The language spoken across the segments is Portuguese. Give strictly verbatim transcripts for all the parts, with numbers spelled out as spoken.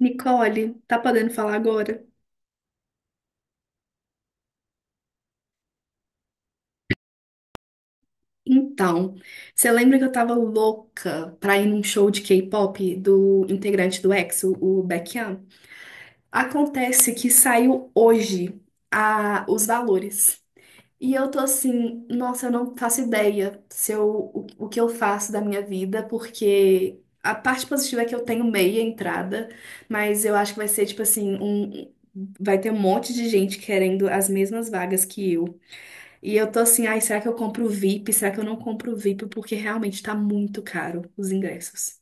Nicole, tá podendo falar agora? Então, você lembra que eu tava louca pra ir num show de K-pop do integrante do EXO, o Baekhyun? Acontece que saiu hoje a, os valores. E eu tô assim, nossa, eu não faço ideia se eu, o, o que eu faço da minha vida, porque a parte positiva é que eu tenho meia entrada, mas eu acho que vai ser tipo assim, um, um, vai ter um monte de gente querendo as mesmas vagas que eu. E eu tô assim, ai, será que eu compro o V I P? Será que eu não compro o V I P? Porque realmente tá muito caro os ingressos.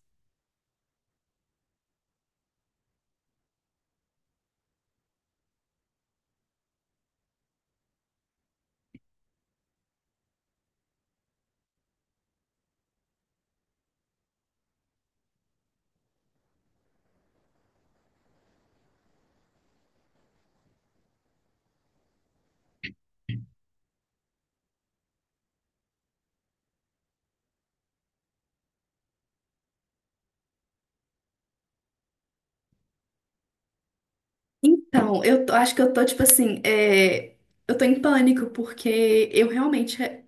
Então, eu tô- acho que eu tô, tipo assim, é, eu tô em pânico, porque eu realmente, é,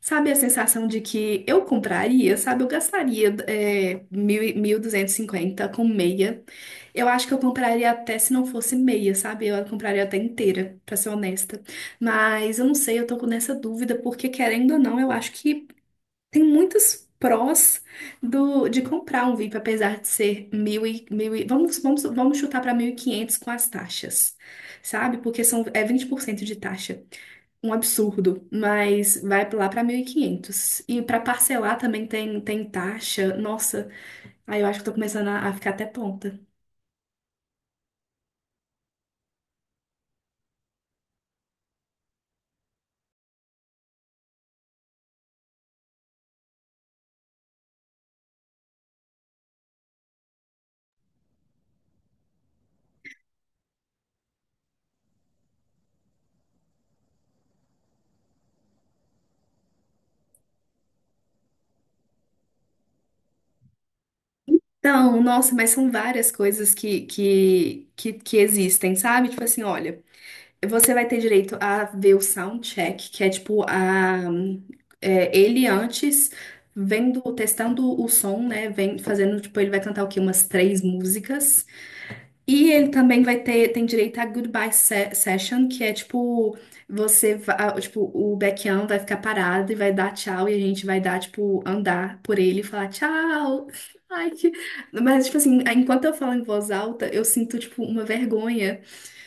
sabe a sensação de que eu compraria, sabe? Eu gastaria é, mil, e- mil duzentos e cinquenta com meia. Eu acho que eu compraria até se não fosse meia, sabe? Eu compraria até inteira, pra ser honesta. Mas eu não sei, eu tô nessa dúvida, porque querendo ou não, eu acho que tem muitos prós do, de comprar um V I P, apesar de ser mil e, mil e vamos, vamos, vamos chutar para mil e quinhentos com as taxas, sabe? Porque são, é vinte por cento de taxa. Um absurdo, mas vai lá para mil e quinhentos e quinhentos. E para parcelar também tem, tem taxa. Nossa, aí eu acho que tô começando a, a ficar até tonta. Então, nossa, mas são várias coisas que, que, que, que existem, sabe? Tipo assim, olha. Você vai ter direito a ver o soundcheck, que é tipo a, é, ele antes vendo, testando o som, né? Vem fazendo, tipo, ele vai cantar o quê? Umas três músicas. E ele também vai ter, tem direito a goodbye se- session, que é tipo, você va- ah, tipo, o Baekhyun vai ficar parado e vai dar tchau, e a gente vai dar, tipo, andar por ele e falar tchau. Ai, que... Mas, tipo assim, enquanto eu falo em voz alta, eu sinto, tipo, uma vergonha.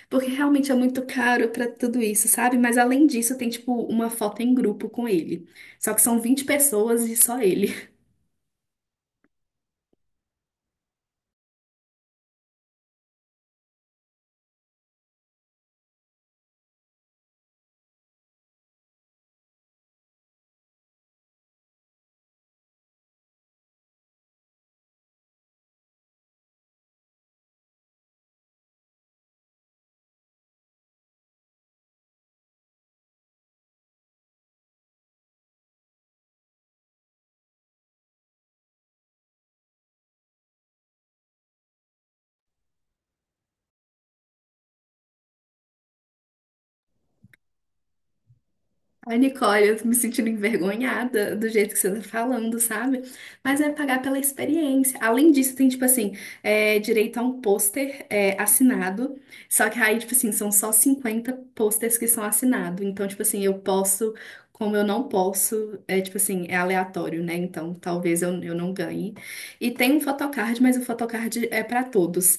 Porque realmente é muito caro pra tudo isso, sabe? Mas além disso, tem tipo uma foto em grupo com ele. Só que são vinte pessoas e só ele. Ai, Nicole, eu tô me sentindo envergonhada do jeito que você tá falando, sabe? Mas é pagar pela experiência. Além disso, tem, tipo assim, é, direito a um pôster é, assinado. Só que aí, tipo assim, são só cinquenta pôsteres que são assinados. Então, tipo assim, eu posso, como eu não posso, é tipo assim, é aleatório, né? Então, talvez eu, eu não ganhe. E tem um photocard, mas o photocard é pra todos.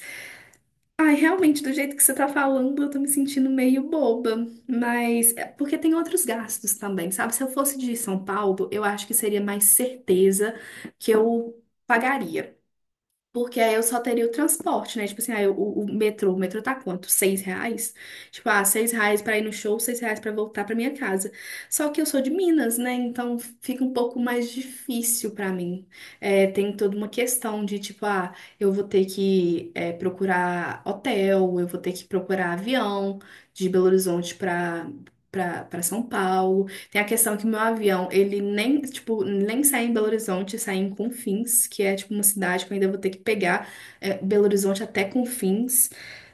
Ai, realmente, do jeito que você tá falando, eu tô me sentindo meio boba. Mas é porque tem outros gastos também, sabe? Se eu fosse de São Paulo, eu acho que seria mais certeza que eu pagaria. Porque aí eu só teria o transporte, né? Tipo assim, aí o, o metrô, o metrô tá quanto? Seis reais? Tipo, ah, seis reais pra ir no show, seis reais pra voltar pra minha casa. Só que eu sou de Minas, né? Então fica um pouco mais difícil pra mim. É, tem toda uma questão de, tipo, ah, eu vou ter que é, procurar hotel, eu vou ter que procurar avião de Belo Horizonte pra, pra, pra São Paulo. Tem a questão que meu avião, ele nem, tipo, nem sai em Belo Horizonte, sai em Confins, que é, tipo, uma cidade que eu ainda vou ter que pegar é, Belo Horizonte até Confins.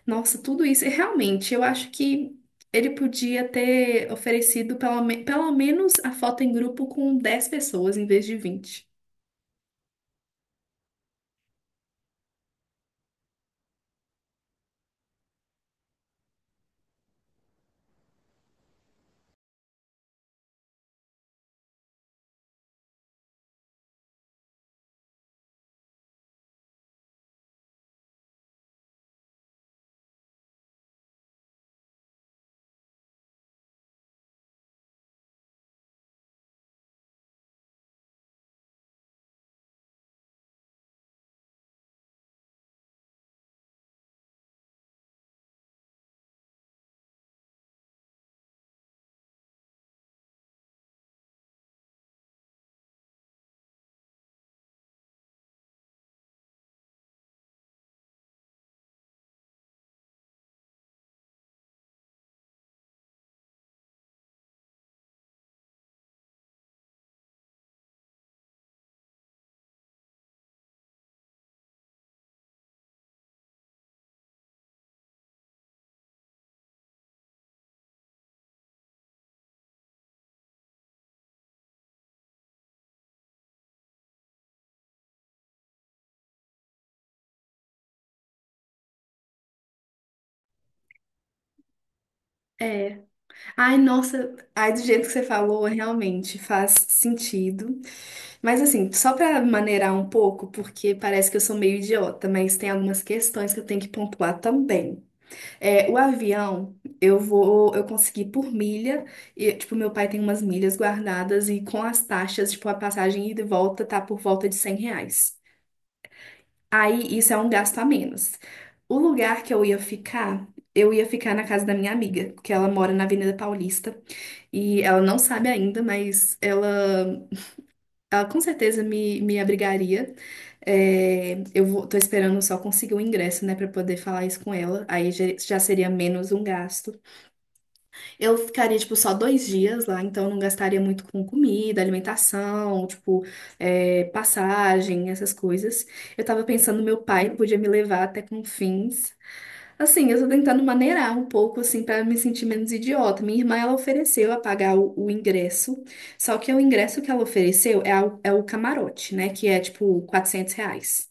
Nossa, tudo isso. E realmente, eu acho que ele podia ter oferecido pelo, me- pelo menos a foto em grupo com dez pessoas em vez de vinte. É. Ai, nossa. Ai, do jeito que você falou, realmente faz sentido. Mas assim, só para maneirar um pouco, porque parece que eu sou meio idiota, mas tem algumas questões que eu tenho que pontuar também. É, o avião, eu vou, eu consegui por milha, e tipo, meu pai tem umas milhas guardadas e com as taxas, tipo, a passagem ida e volta tá por volta de cem reais. Aí isso é um gasto a menos. O lugar que eu ia ficar, eu ia ficar na casa da minha amiga, que ela mora na Avenida Paulista, e ela não sabe ainda, mas ela ela com certeza me, me abrigaria. É, eu vou, tô esperando só conseguir o ingresso, né, pra poder falar isso com ela. Aí já, já seria menos um gasto. Eu ficaria, tipo, só dois dias lá, então eu não gastaria muito com comida, alimentação, tipo, é, passagem, essas coisas. Eu tava pensando, meu pai podia me levar até Confins. Assim, eu tô tentando maneirar um pouco, assim, para me sentir menos idiota. Minha irmã, ela ofereceu a pagar o, o ingresso, só que o ingresso que ela ofereceu é, a- é o camarote, né? Que é, tipo, quatrocentos reais.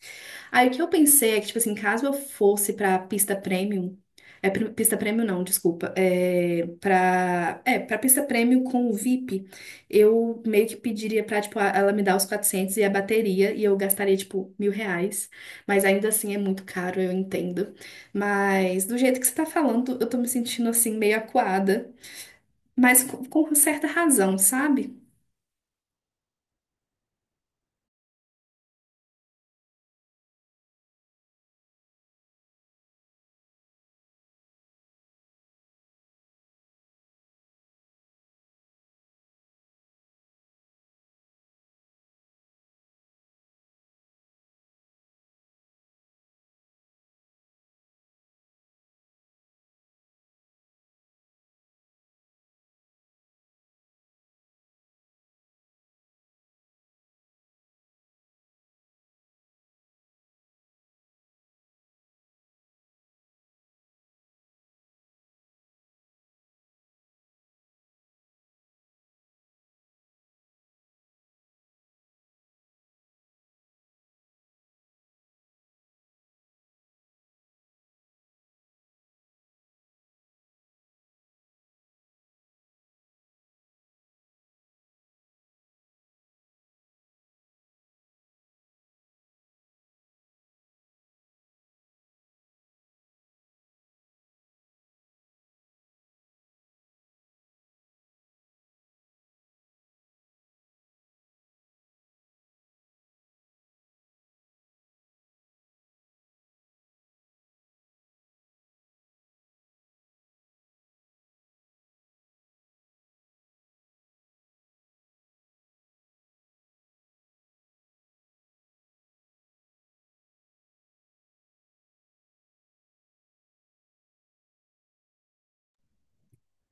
Aí o que eu pensei é que, tipo assim, caso eu fosse pra pista premium, é pri- pista premium não, desculpa, é pra, é, pra pista premium com o V I P, eu meio que pediria pra, tipo, a- ela me dar os quatrocentos e a bateria, e eu gastaria, tipo, mil reais. Mas ainda assim é muito caro, eu entendo. Mas do jeito que você tá falando, eu tô me sentindo assim meio acuada, mas com, com certa razão, sabe?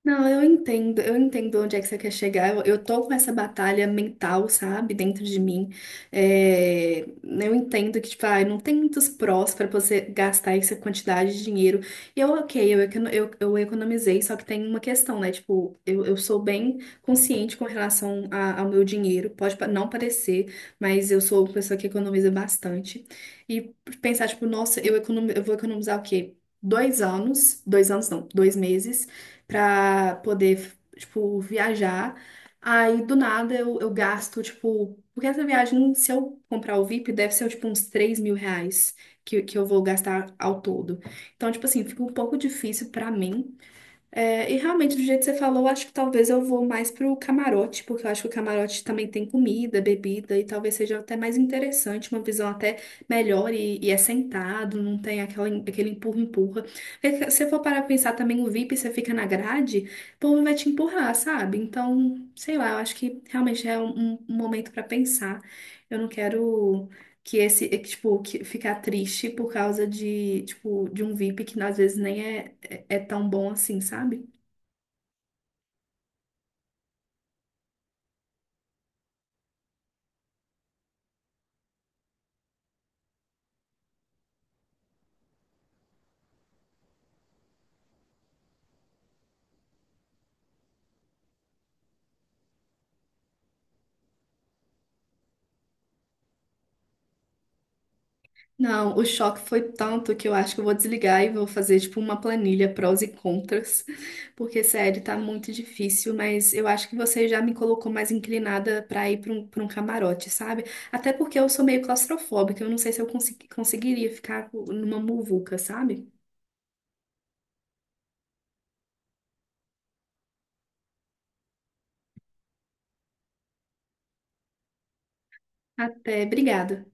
Não, eu entendo, eu, entendo onde é que você quer chegar. Eu, eu tô com essa batalha mental, sabe, dentro de mim. É, eu entendo que, tipo, ah, não tem muitos prós pra você gastar essa quantidade de dinheiro. E eu, ok, eu, econo- eu, eu economizei, só que tem uma questão, né? Tipo, eu, eu sou bem consciente com relação a- ao meu dinheiro. Pode pa- não parecer, mas eu sou uma pessoa que economiza bastante. E pensar, tipo, nossa, eu, economi- eu vou economizar o quê? Dois anos, dois anos não, dois meses pra poder, tipo, viajar. Aí, do nada, eu, eu gasto, tipo, porque essa viagem, se eu comprar o V I P, deve ser, tipo, uns três mil reais que, que eu vou gastar ao todo. Então, tipo assim, fica um pouco difícil pra mim, é, e realmente, do jeito que você falou, acho que talvez eu vou mais pro camarote, porque eu acho que o camarote também tem comida, bebida, e talvez seja até mais interessante, uma visão até melhor e, e é sentado, não tem aquela, aquele empurra-empurra. Porque se eu for parar pra pensar também, o V I P, você fica na grade, o povo vai te empurrar, sabe? Então, sei lá, eu acho que realmente é um, um um momento pra pensar. Eu não quero que esse, que, tipo, que ficar triste por causa de, tipo, de um V I P que às vezes nem é é tão bom assim, sabe? Não, o choque foi tanto que eu acho que eu vou desligar e vou fazer tipo uma planilha prós e contras, porque sério, tá muito difícil, mas eu acho que você já me colocou mais inclinada pra ir pra um, pra um camarote, sabe? Até porque eu sou meio claustrofóbica, eu não sei se eu consegui- conseguiria ficar numa muvuca, sabe? Até, obrigada.